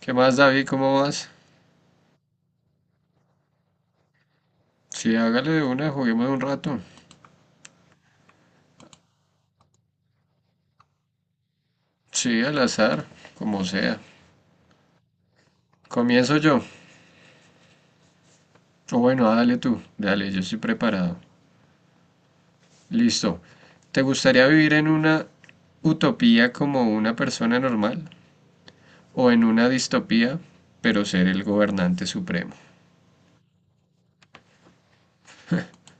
¿Qué más, David? ¿Cómo vas? Sí, hágale de una, juguemos un rato. Sí, al azar, como sea. Comienzo yo. O bueno, dale tú. Dale, yo estoy preparado. Listo. ¿Te gustaría vivir en una utopía como una persona normal? ¿O en una distopía, pero ser el gobernante supremo?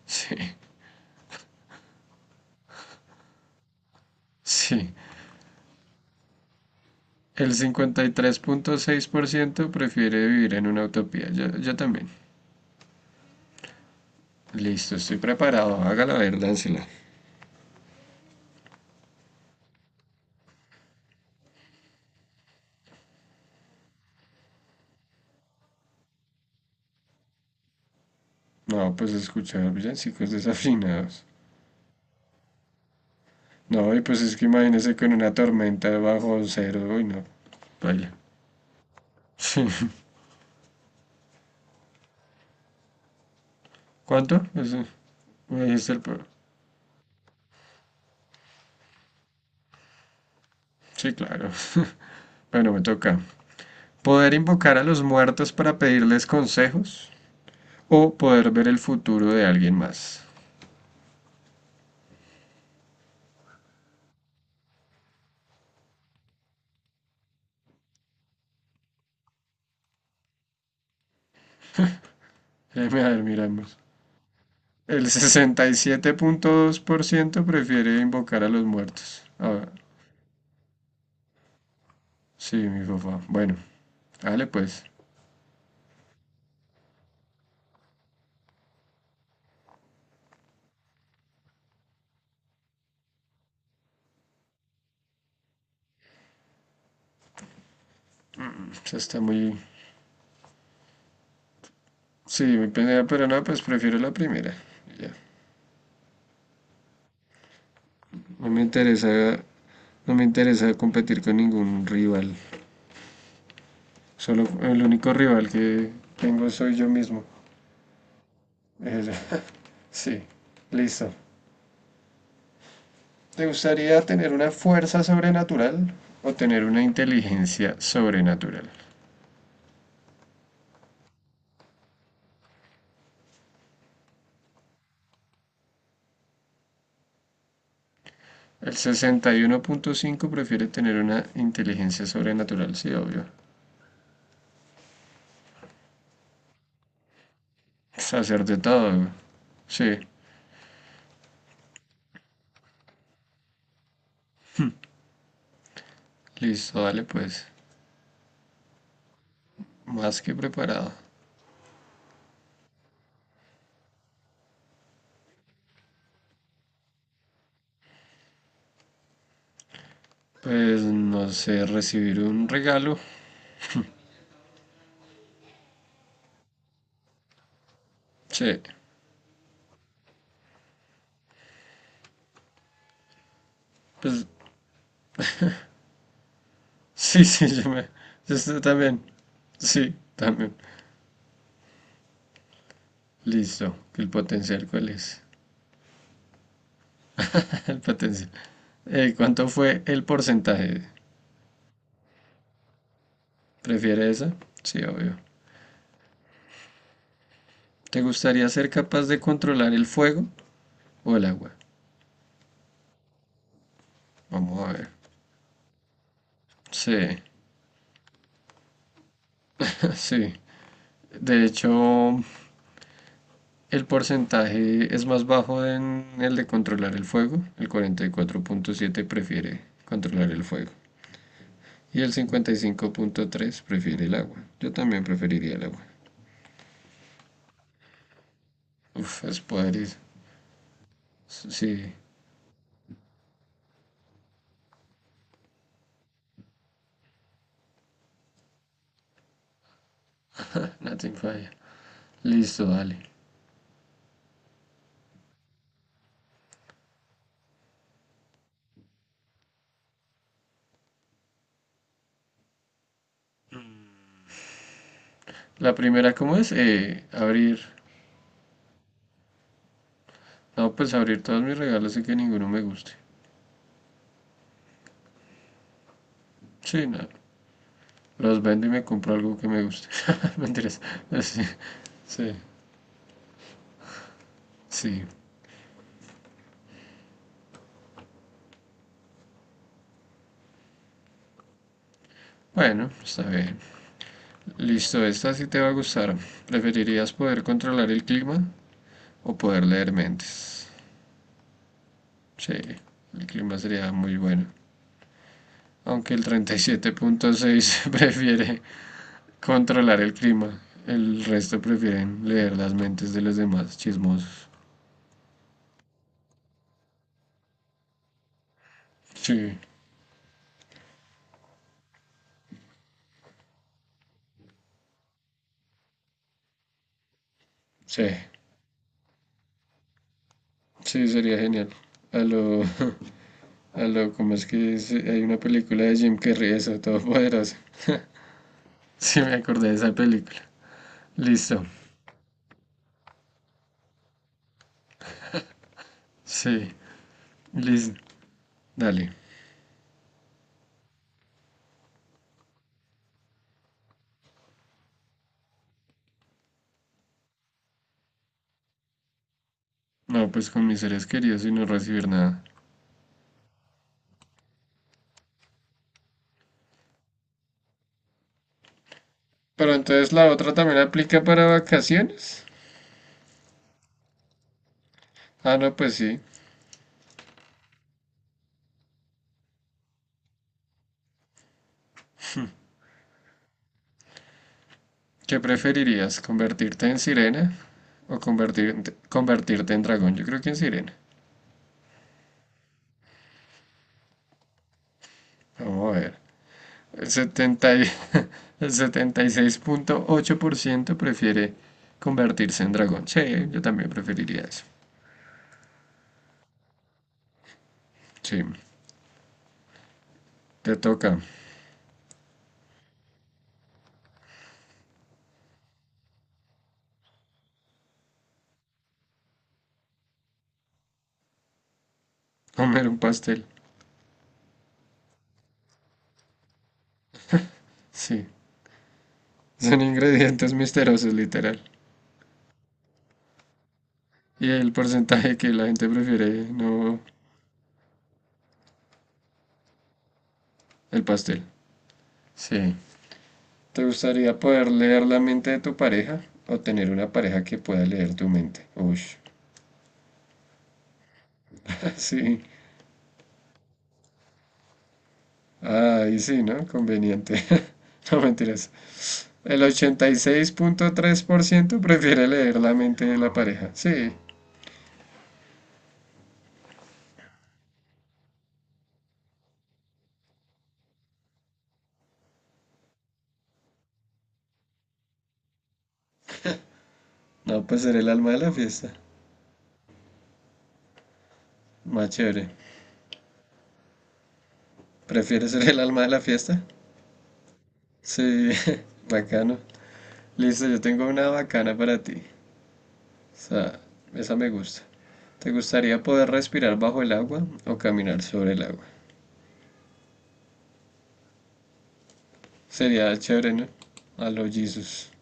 Sí, sí. El 53.6% prefiere vivir en una utopía. Yo también. Listo, estoy preparado. Hágala ver, dánsela. No, pues escuchar villancicos desafinados. No, y pues es que imagínese con una tormenta bajo cero, uy, no. Vaya. Sí. ¿Cuánto? Ese- ahí está el pro- Sí, claro. Bueno, me toca. ¿Poder invocar a los muertos para pedirles consejos? ¿O poder ver el futuro de alguien más? A ver, miramos. El 67.2% prefiere invocar a los muertos. Ah, sí, mi papá. Bueno, dale pues. Eso está muy. Sí, mi pelea, pero no, pues prefiero la primera. Ya. No me interesa, no me interesa competir con ningún rival. Solo el único rival que tengo soy yo mismo. Eh, Sí, listo. ¿Te gustaría tener una fuerza sobrenatural o tener una inteligencia sobrenatural? El 61.5 prefiere tener una inteligencia sobrenatural, sí, obvio. Sacerdote todo. Güey. Sí, listo, dale pues. Más que preparado. Pues no sé, recibir un regalo. Sí, pues sí, sí, yo me. Esto también. Sí, también. Listo. ¿El potencial cuál es? El potencial. ¿Cuánto fue el porcentaje? ¿Prefiere esa? Sí, obvio. ¿Te gustaría ser capaz de controlar el fuego o el agua? Vamos a ver. Sí, sí. De hecho, el porcentaje es más bajo en el de controlar el fuego. El 44.7 prefiere controlar el fuego. Y el 55.3 prefiere el agua. Yo también preferiría el agua. Uf, es podrido. Sí, nothing falla. Listo, dale. La primera, ¿cómo es? Abrir. No, pues abrir todos mis regalos y que ninguno me guste. Sí, no. Los vendo y me compro algo que me guste. Mentiras. Sí, sí, sí. Bueno, está bien. Listo, esta sí te va a gustar. ¿Preferirías poder controlar el clima o poder leer mentes? Sí, el clima sería muy bueno. Aunque el 37.6 prefiere controlar el clima, el resto prefieren leer las mentes de los demás chismosos. Sí, sí, sí, sería genial. A lo, como es que hay una película de Jim Carrey, eso, Todopoderoso. Sí, me acordé de esa película. Listo, sí, listo, dale. No, pues con mis seres queridos y no recibir nada. Pero entonces la otra también aplica para vacaciones. Ah, no, pues sí. ¿Qué preferirías? ¿Convertirte en sirena o convertirte en dragón? Yo creo que en sirena. Vamos a ver. El 70 y- el 76.8% prefiere convertirse en dragón. Sí, yo también preferiría eso. Sí, te toca comer un pastel. Sí, son ingredientes misteriosos, literal. Y el porcentaje que la gente prefiere, no, el pastel. Sí. ¿Te gustaría poder leer la mente de tu pareja o tener una pareja que pueda leer tu mente? Uy, sí, ahí sí, ¿no? Conveniente. No mentiras. El 86.3% prefiere leer la mente de la pareja. Sí. No, pues ser el alma de la fiesta. Más chévere. ¿Prefieres ser el alma de la fiesta? Sí, bacano. Listo, yo tengo una bacana para ti. O sea, esa me gusta. ¿Te gustaría poder respirar bajo el agua o caminar sobre el agua? Sería chévere, ¿no? A los Jesus.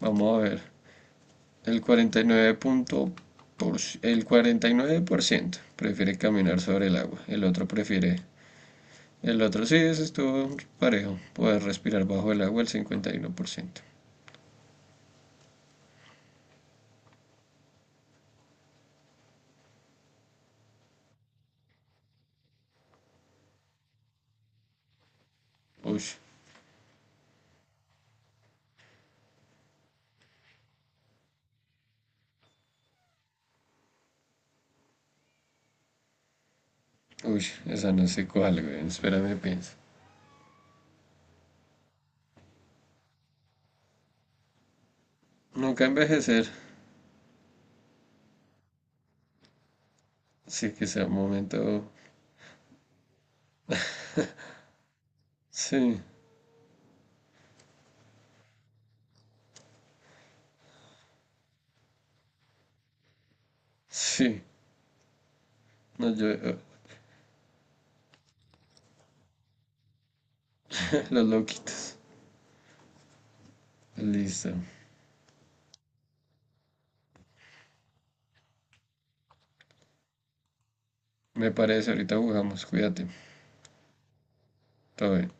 Vamos a ver. El 49 punto el 49% prefiere caminar sobre el agua. El otro prefiere. El otro sí, ese estuvo parejo. Poder respirar bajo el agua, el 51%. Uy, uy, esa no sé cuál, güey. Espérame, pienso. Nunca envejecer. Sí, que sea un momento. Sí, sí. No, yo. Los loquitos. Listo. Me parece, ahorita jugamos. Cuídate. Todo bien.